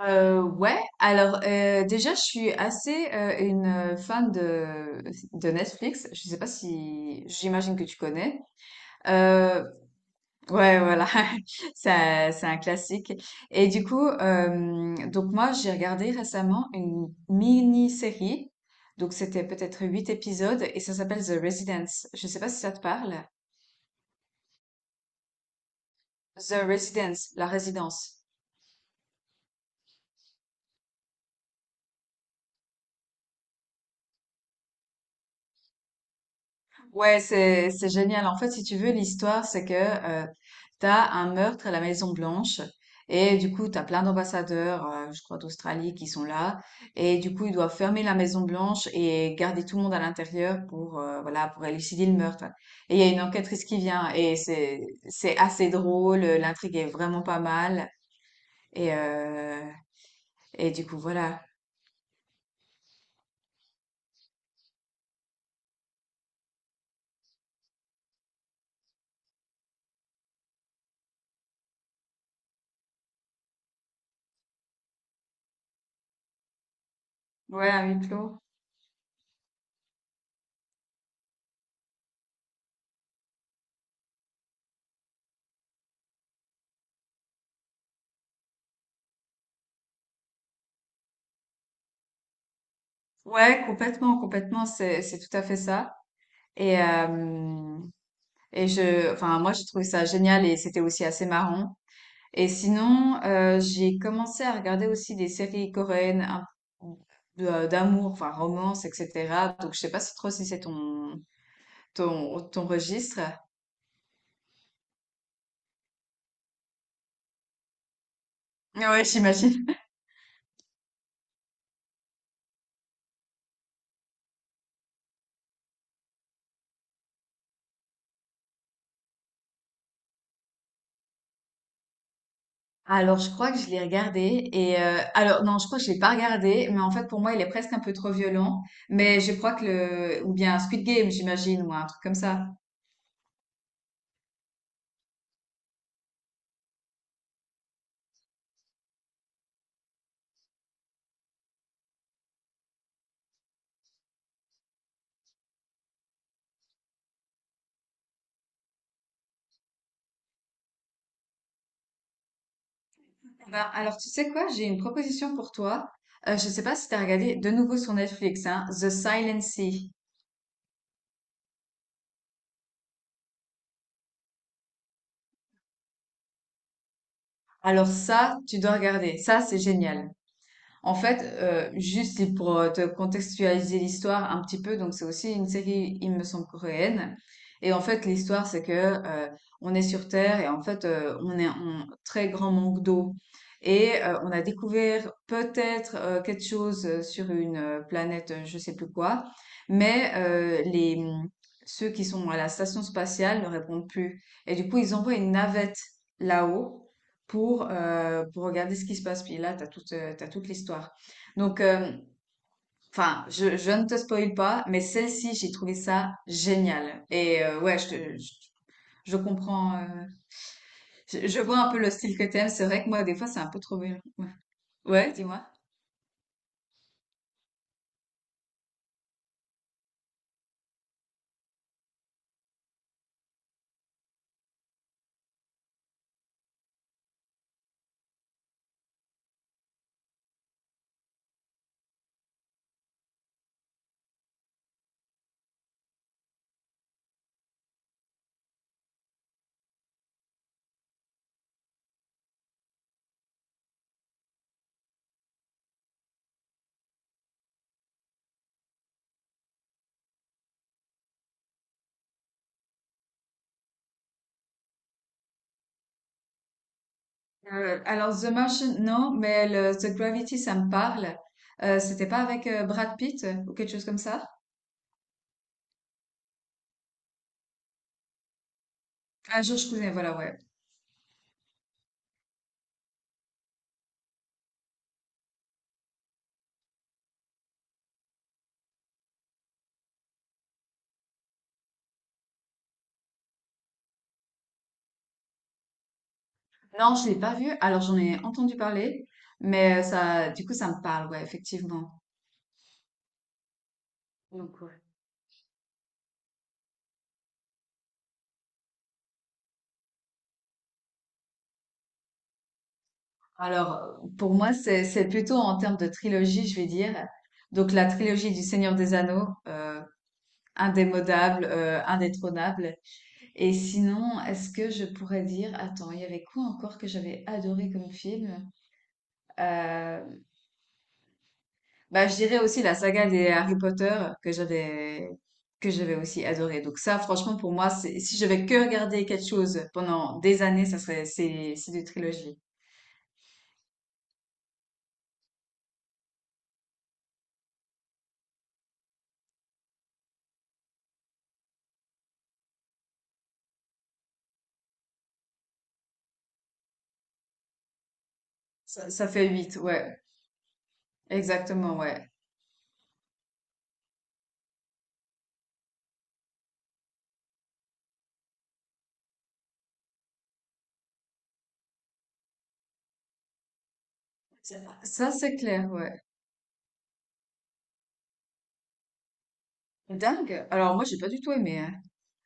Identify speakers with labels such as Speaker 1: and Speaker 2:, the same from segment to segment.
Speaker 1: Déjà je suis assez une fan de Netflix. Je sais pas si j'imagine que tu connais. Euh, ouais, voilà, c'est un classique. Donc moi j'ai regardé récemment une mini-série. Donc c'était peut-être huit épisodes et ça s'appelle The Residence. Je sais pas si ça te parle. The Residence, la résidence. Ouais, c'est génial. En fait, si tu veux, l'histoire, c'est que t'as un meurtre à la Maison Blanche, et du coup, t'as plein d'ambassadeurs, je crois d'Australie, qui sont là, et du coup, ils doivent fermer la Maison Blanche et garder tout le monde à l'intérieur pour voilà, pour élucider le meurtre. Et il y a une enquêtrice qui vient et c'est assez drôle. L'intrigue est vraiment pas mal, et euh, et du coup voilà. Ouais, à huis clos. Ouais, complètement, complètement. C'est tout à fait ça. Et euh, enfin, moi, j'ai trouvé ça génial et c'était aussi assez marrant. Et sinon, j'ai commencé à regarder aussi des séries coréennes d'amour, enfin, romance, etc. Donc, je sais pas si trop si c'est ton registre. Ouais, j'imagine. Alors, je crois que je l'ai regardé et alors non, je crois que je l'ai pas regardé, mais en fait pour moi il est presque un peu trop violent. Mais je crois que le ou bien Squid Game, j'imagine, ou un truc comme ça. Ben, alors, tu sais quoi? J'ai une proposition pour toi. Je sais pas si tu as regardé de nouveau sur Netflix, hein, The Silent Sea. Alors ça, tu dois regarder. Ça, c'est génial. En fait, juste c'est pour te contextualiser l'histoire un petit peu, donc c'est aussi une série, il me semble, coréenne. Et en fait, l'histoire, c'est que on est sur Terre et en fait, on est en très grand manque d'eau. On a découvert peut-être quelque chose sur une planète, je sais plus quoi, mais ceux qui sont à la station spatiale ne répondent plus. Et du coup, ils envoient une navette là-haut pour regarder ce qui se passe. Puis là, t'as toute l'histoire. Donc, euh, enfin, je ne te spoil pas, mais celle-ci, j'ai trouvé ça génial. Je comprends. Je vois un peu le style que t'aimes. C'est vrai que moi, des fois, c'est un peu trop violent. Ouais, ouais, dis-moi. Alors, The Martian, non, mais le, The Gravity, ça me parle. C'était pas avec Brad Pitt ou quelque chose comme ça? Ah, George Clooney, voilà, ouais. Non, je l'ai pas vu. Alors, j'en ai entendu parler, mais ça, du coup, ça me parle, ouais, effectivement. Donc, ouais. Alors, pour moi, c'est plutôt en termes de trilogie, je vais dire. Donc, la trilogie du Seigneur des Anneaux, indémodable, indétrônable. Et sinon, est-ce que je pourrais dire, attends, il y avait quoi encore que j'avais adoré comme film? Euh, je dirais aussi la saga des Harry Potter que j'avais que j'avais aussi adoré. Donc ça, franchement, pour moi, c'est, si je vais que regarder quelque chose pendant des années, ça serait c'est des trilogies. Ça fait huit, ouais, exactement, ouais. Ça, ça, c'est clair, ouais. Dingue. Alors moi, j'ai pas du tout aimé, hein.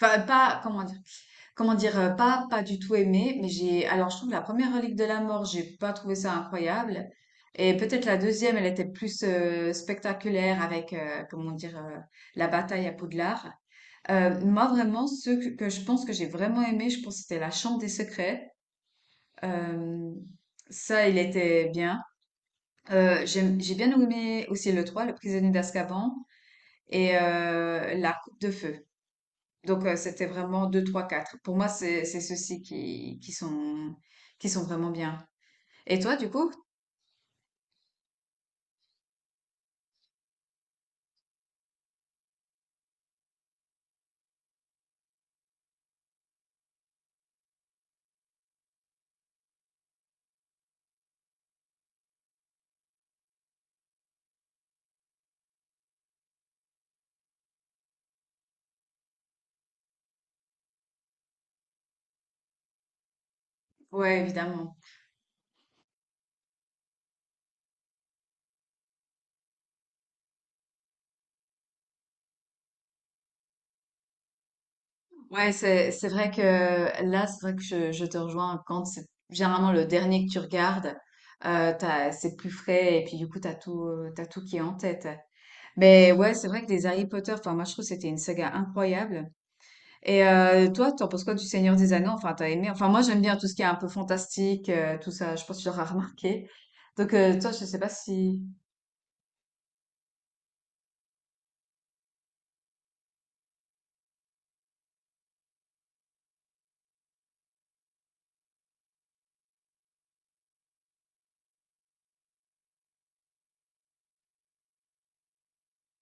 Speaker 1: Enfin, pas comment dire. Comment dire, pas du tout aimé, mais j'ai, alors je trouve que la première relique de la mort, j'ai pas trouvé ça incroyable. Et peut-être la deuxième, elle était plus spectaculaire avec, la bataille à Poudlard. Moi, vraiment, que je pense que j'ai vraiment aimé, je pense que c'était la Chambre des secrets. Euh, Ça, il était bien. J'ai bien aimé aussi le 3, le prisonnier d'Azkaban, et la coupe de feu. Donc, c'était vraiment 2 3 4. Pour moi, c'est ceux-ci qui sont vraiment bien. Et toi, du coup? Ouais, évidemment. Ouais, c'est vrai que là, c'est vrai que je te rejoins quand c'est généralement le dernier que tu regardes. C'est plus frais et puis du coup, t'as tout qui est en tête. Mais ouais, c'est vrai que les Harry Potter, enfin, moi, je trouve que c'était une saga incroyable. Toi, t'en penses quoi du Seigneur des Anneaux? Enfin, t'as aimé? Enfin, moi, j'aime bien tout ce qui est un peu fantastique, tout ça. Je pense que tu l'auras remarqué. Donc, toi, je sais pas si...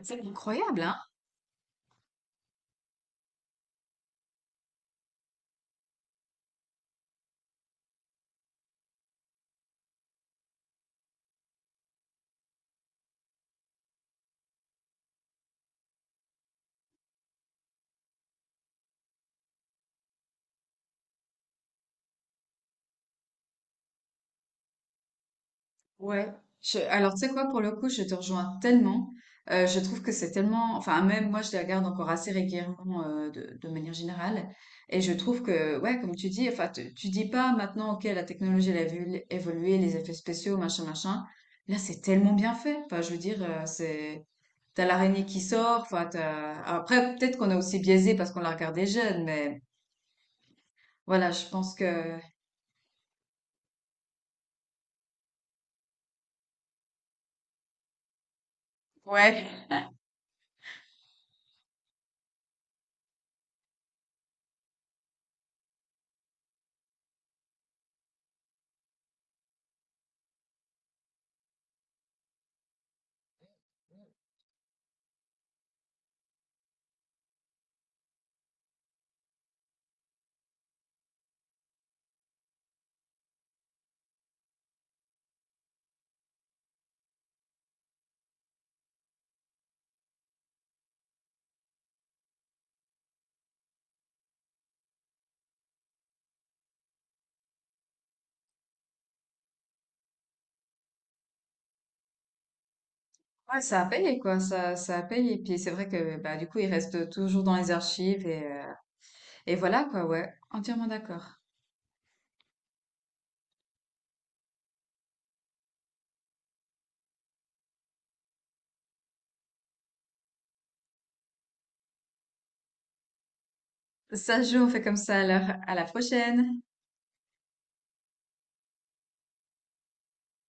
Speaker 1: C'est incroyable, hein? Ouais, je- alors tu sais quoi, pour le coup, je te rejoins tellement. Je trouve que c'est tellement, enfin même moi, je les regarde encore assez régulièrement de manière générale, et je trouve que, ouais, comme tu dis, tu dis pas maintenant, ok, la technologie elle a vu évoluer, les effets spéciaux, machin, machin. Là, c'est tellement bien fait. Enfin, je veux dire, c'est t'as l'araignée qui sort, enfin t'as... Après, peut-être qu'on est aussi biaisé parce qu'on l'a regardé jeune, mais voilà, je pense que... Ouais, ouais, ça a payé, quoi, ça a payé. Puis c'est vrai que bah, du coup, il reste toujours dans les archives et voilà, quoi, ouais, entièrement d'accord. Ça se joue, on fait comme ça alors, à la prochaine!